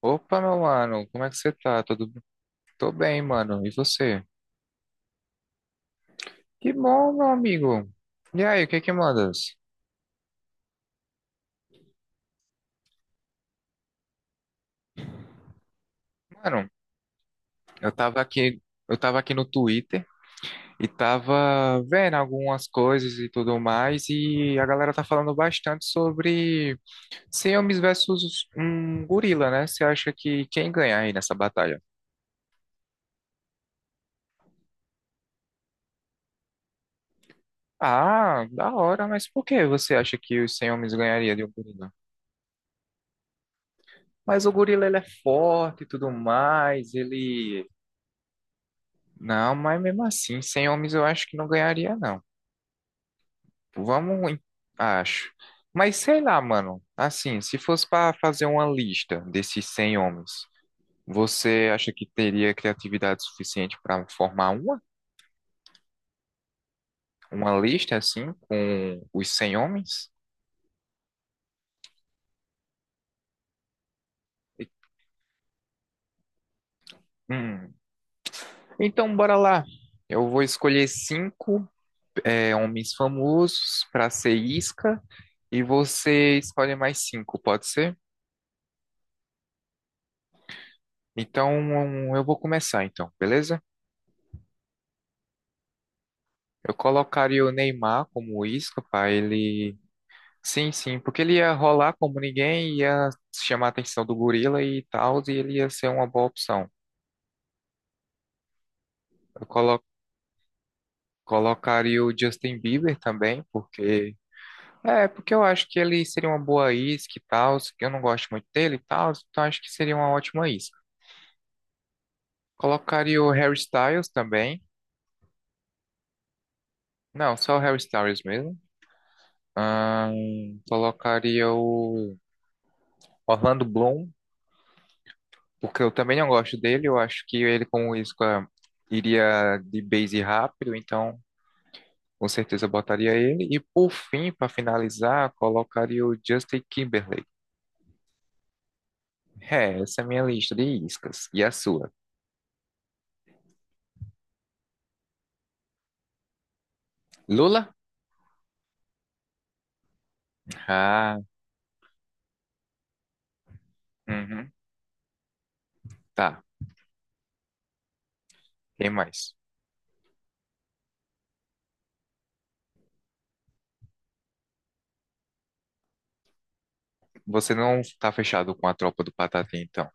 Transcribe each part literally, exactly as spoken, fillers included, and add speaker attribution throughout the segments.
Speaker 1: Opa, meu mano, como é que você tá? Tudo... Tô bem, mano. E você? Que bom, meu amigo. E aí, o que que mandas? Mano, eu tava aqui, eu tava aqui no Twitter e tava vendo algumas coisas e tudo mais, e a galera tá falando bastante sobre Siames versus um gorila, né? Você acha que quem ganha aí nessa batalha? Ah, da hora, mas por que você acha que os cem homens ganharia de um gorila? Mas o gorila ele é forte e tudo mais, ele... Não, mas mesmo assim, sem homens eu acho que não ganharia, não. Vamos, em- Acho. Mas sei lá, mano. Assim, se fosse pra fazer uma lista desses cem homens, você acha que teria criatividade suficiente pra formar uma? Uma lista assim, com os cem homens? Hum. Então, bora lá. Eu vou escolher cinco, é, homens famosos pra ser isca, e você escolhe mais cinco, pode ser? Então, eu vou começar, então, beleza? Eu colocaria o Neymar como isca para ele. Sim, sim, porque ele ia rolar como ninguém, ia chamar a atenção do gorila e tal, e ele ia ser uma boa opção. Eu colo- Colocaria o Justin Bieber também, porque... É, porque eu acho que ele seria uma boa isca e tal, que eu não gosto muito dele e tal, então acho que seria uma ótima isca. Colocaria o Harry Styles também. Não, só o Harry Styles mesmo. Ahn, colocaria o Orlando Bloom. Porque eu também não gosto dele, eu acho que ele com o Isco iria de base rápido, então com certeza eu botaria ele. E por fim, para finalizar, colocaria o Justin Timberlake. É, essa é a minha lista de iscas. E a sua? Lula? Ah, uhum. Tá. Quem mais? Você não tá fechado com a tropa do Patati, então.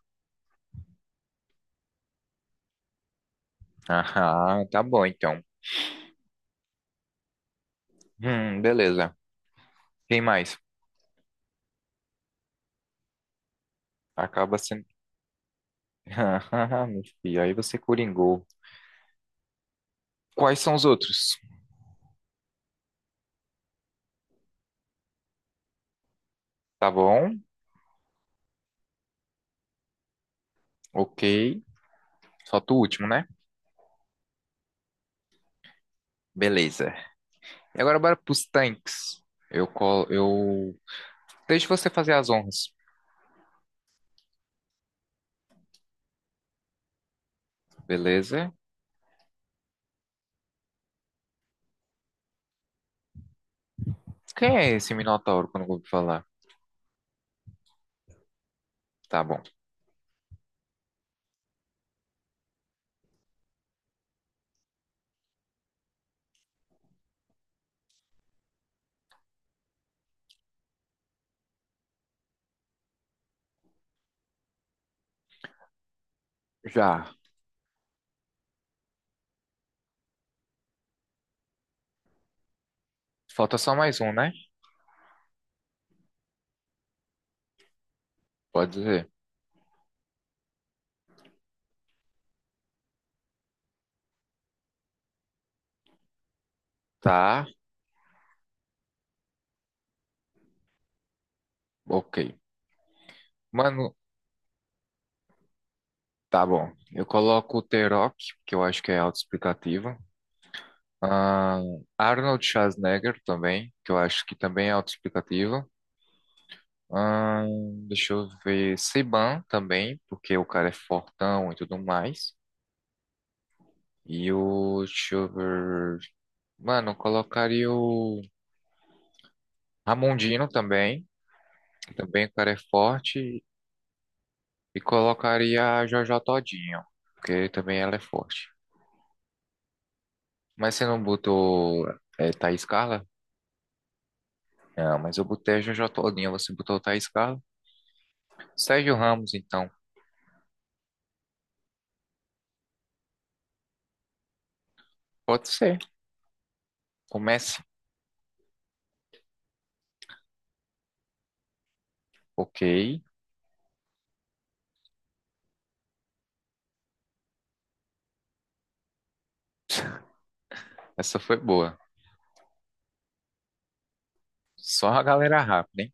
Speaker 1: Ah, tá bom, então. Hum, beleza. Quem mais? Acaba sendo. Ah, meu filho, aí você coringou. Quais são os outros? Tá bom? Ok. Solta o último, né? Beleza. E agora bora pros tanques. Eu colo. Eu. Deixa você fazer as honras. Beleza? Quem é esse Minotauro quando eu vou falar? Tá bom. Já. Falta só mais um, né? Pode dizer. Tá. Ok. Mano. Tá bom. Eu coloco o T-Rock, que eu acho que é autoexplicativo. Ah, Arnold Schwarzenegger também, que eu acho que também é autoexplicativo. Ah, deixa eu ver. Seiban também, porque o cara é fortão e tudo mais. E o... Deixa eu ver. Mano, eu colocaria o Ramondino também. Que também o cara é forte. E colocaria a Jojo Todinho, porque também ela é forte. Mas você não botou, é, Thaís Carla? Não, mas eu botei a Jojo Todinho. Você botou Thaís Carla? Sérgio Ramos, então. Pode ser. Comece. Ok. Essa foi boa. Só a galera rápida, hein?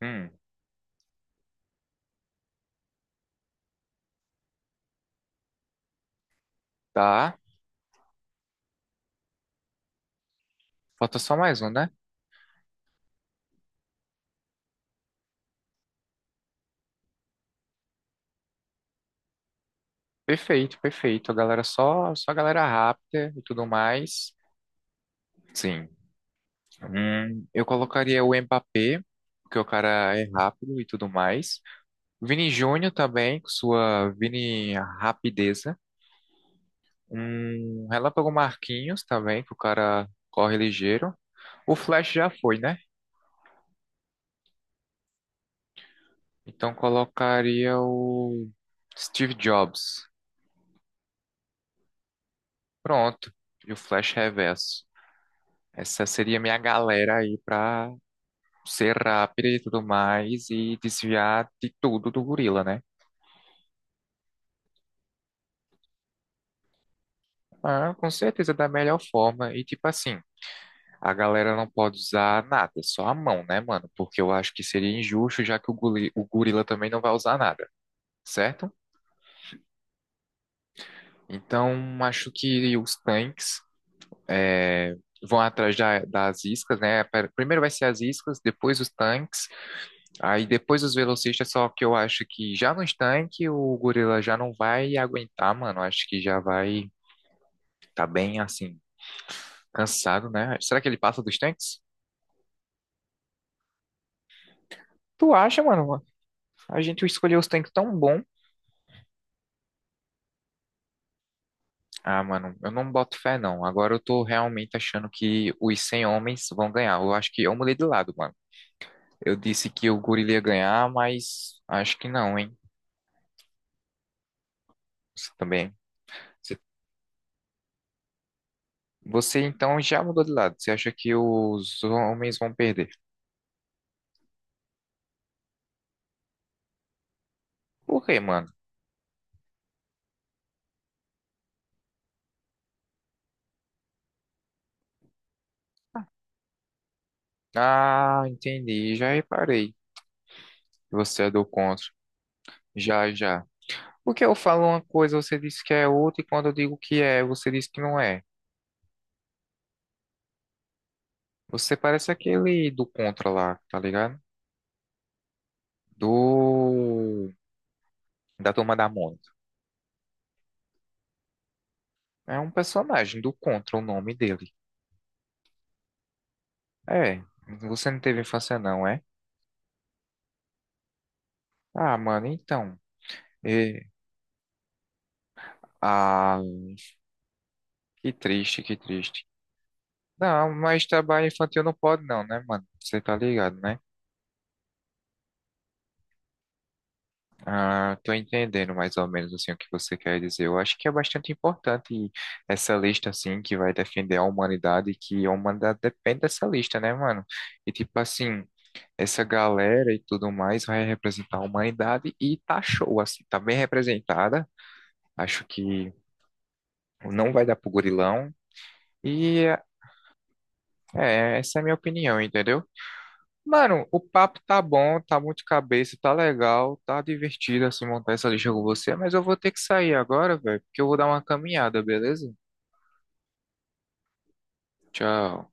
Speaker 1: Hum. Tá. Falta só mais um, né? Perfeito, perfeito. A galera só, só a galera rápida e tudo mais. Sim. Hum, eu colocaria o Mbappé, porque o cara é rápido e tudo mais. Vini Júnior também, com sua Vini rapideza. Um Relâmpago Marquinhos também, que o cara corre ligeiro. O Flash já foi, né? Então colocaria o Steve Jobs. Pronto. E o Flash Reverso. Essa seria minha galera aí pra ser rápida e tudo mais e desviar de tudo do gorila, né? Ah, com certeza da melhor forma. E tipo assim, a galera não pode usar nada, só a mão, né, mano? Porque eu acho que seria injusto, já que o goli- o gorila também não vai usar nada, certo? Então, acho que os tanques, é, vão atrás da- das iscas, né? Per- Primeiro vai ser as iscas, depois os tanques, aí depois os velocistas, só que eu acho que já nos tanques o gorila já não vai aguentar, mano. Acho que já vai... Tá bem, assim, cansado, né? Será que ele passa dos tanques? Tu acha, mano? A gente escolheu os tanques tão bom. Ah, mano, eu não boto fé, não. Agora eu tô realmente achando que os cem homens vão ganhar. Eu acho que eu mudei de lado, mano. Eu disse que o gorila ia ganhar, mas acho que não, hein? Você também. Você, você, então já mudou de lado. Você acha que os homens vão perder? Por quê, mano? Ah, entendi. Já reparei. Você é do contra. Já, já. Porque eu falo uma coisa, você diz que é outra, e quando eu digo que é, você diz que não é. Você parece aquele do Contra lá, tá ligado? Do... Da Turma da Mônica. É um personagem do Contra, o nome dele. É, você não teve infância não, é? Ah, mano, então... E... Ah, que triste, que triste. Não, mas trabalho infantil não pode, não, né, mano? Você tá ligado, né? Ah, tô entendendo mais ou menos assim o que você quer dizer. Eu acho que é bastante importante essa lista assim que vai defender a humanidade e que a humanidade depende dessa lista, né, mano? E tipo assim, essa galera e tudo mais vai representar a humanidade e tá show assim, tá bem representada. Acho que não vai dar pro gorilão. E é, essa é a minha opinião, entendeu? Mano, o papo tá bom, tá muito de cabeça, tá legal, tá divertido assim montar essa lista com você, mas eu vou ter que sair agora, velho, porque eu vou dar uma caminhada, beleza? Tchau.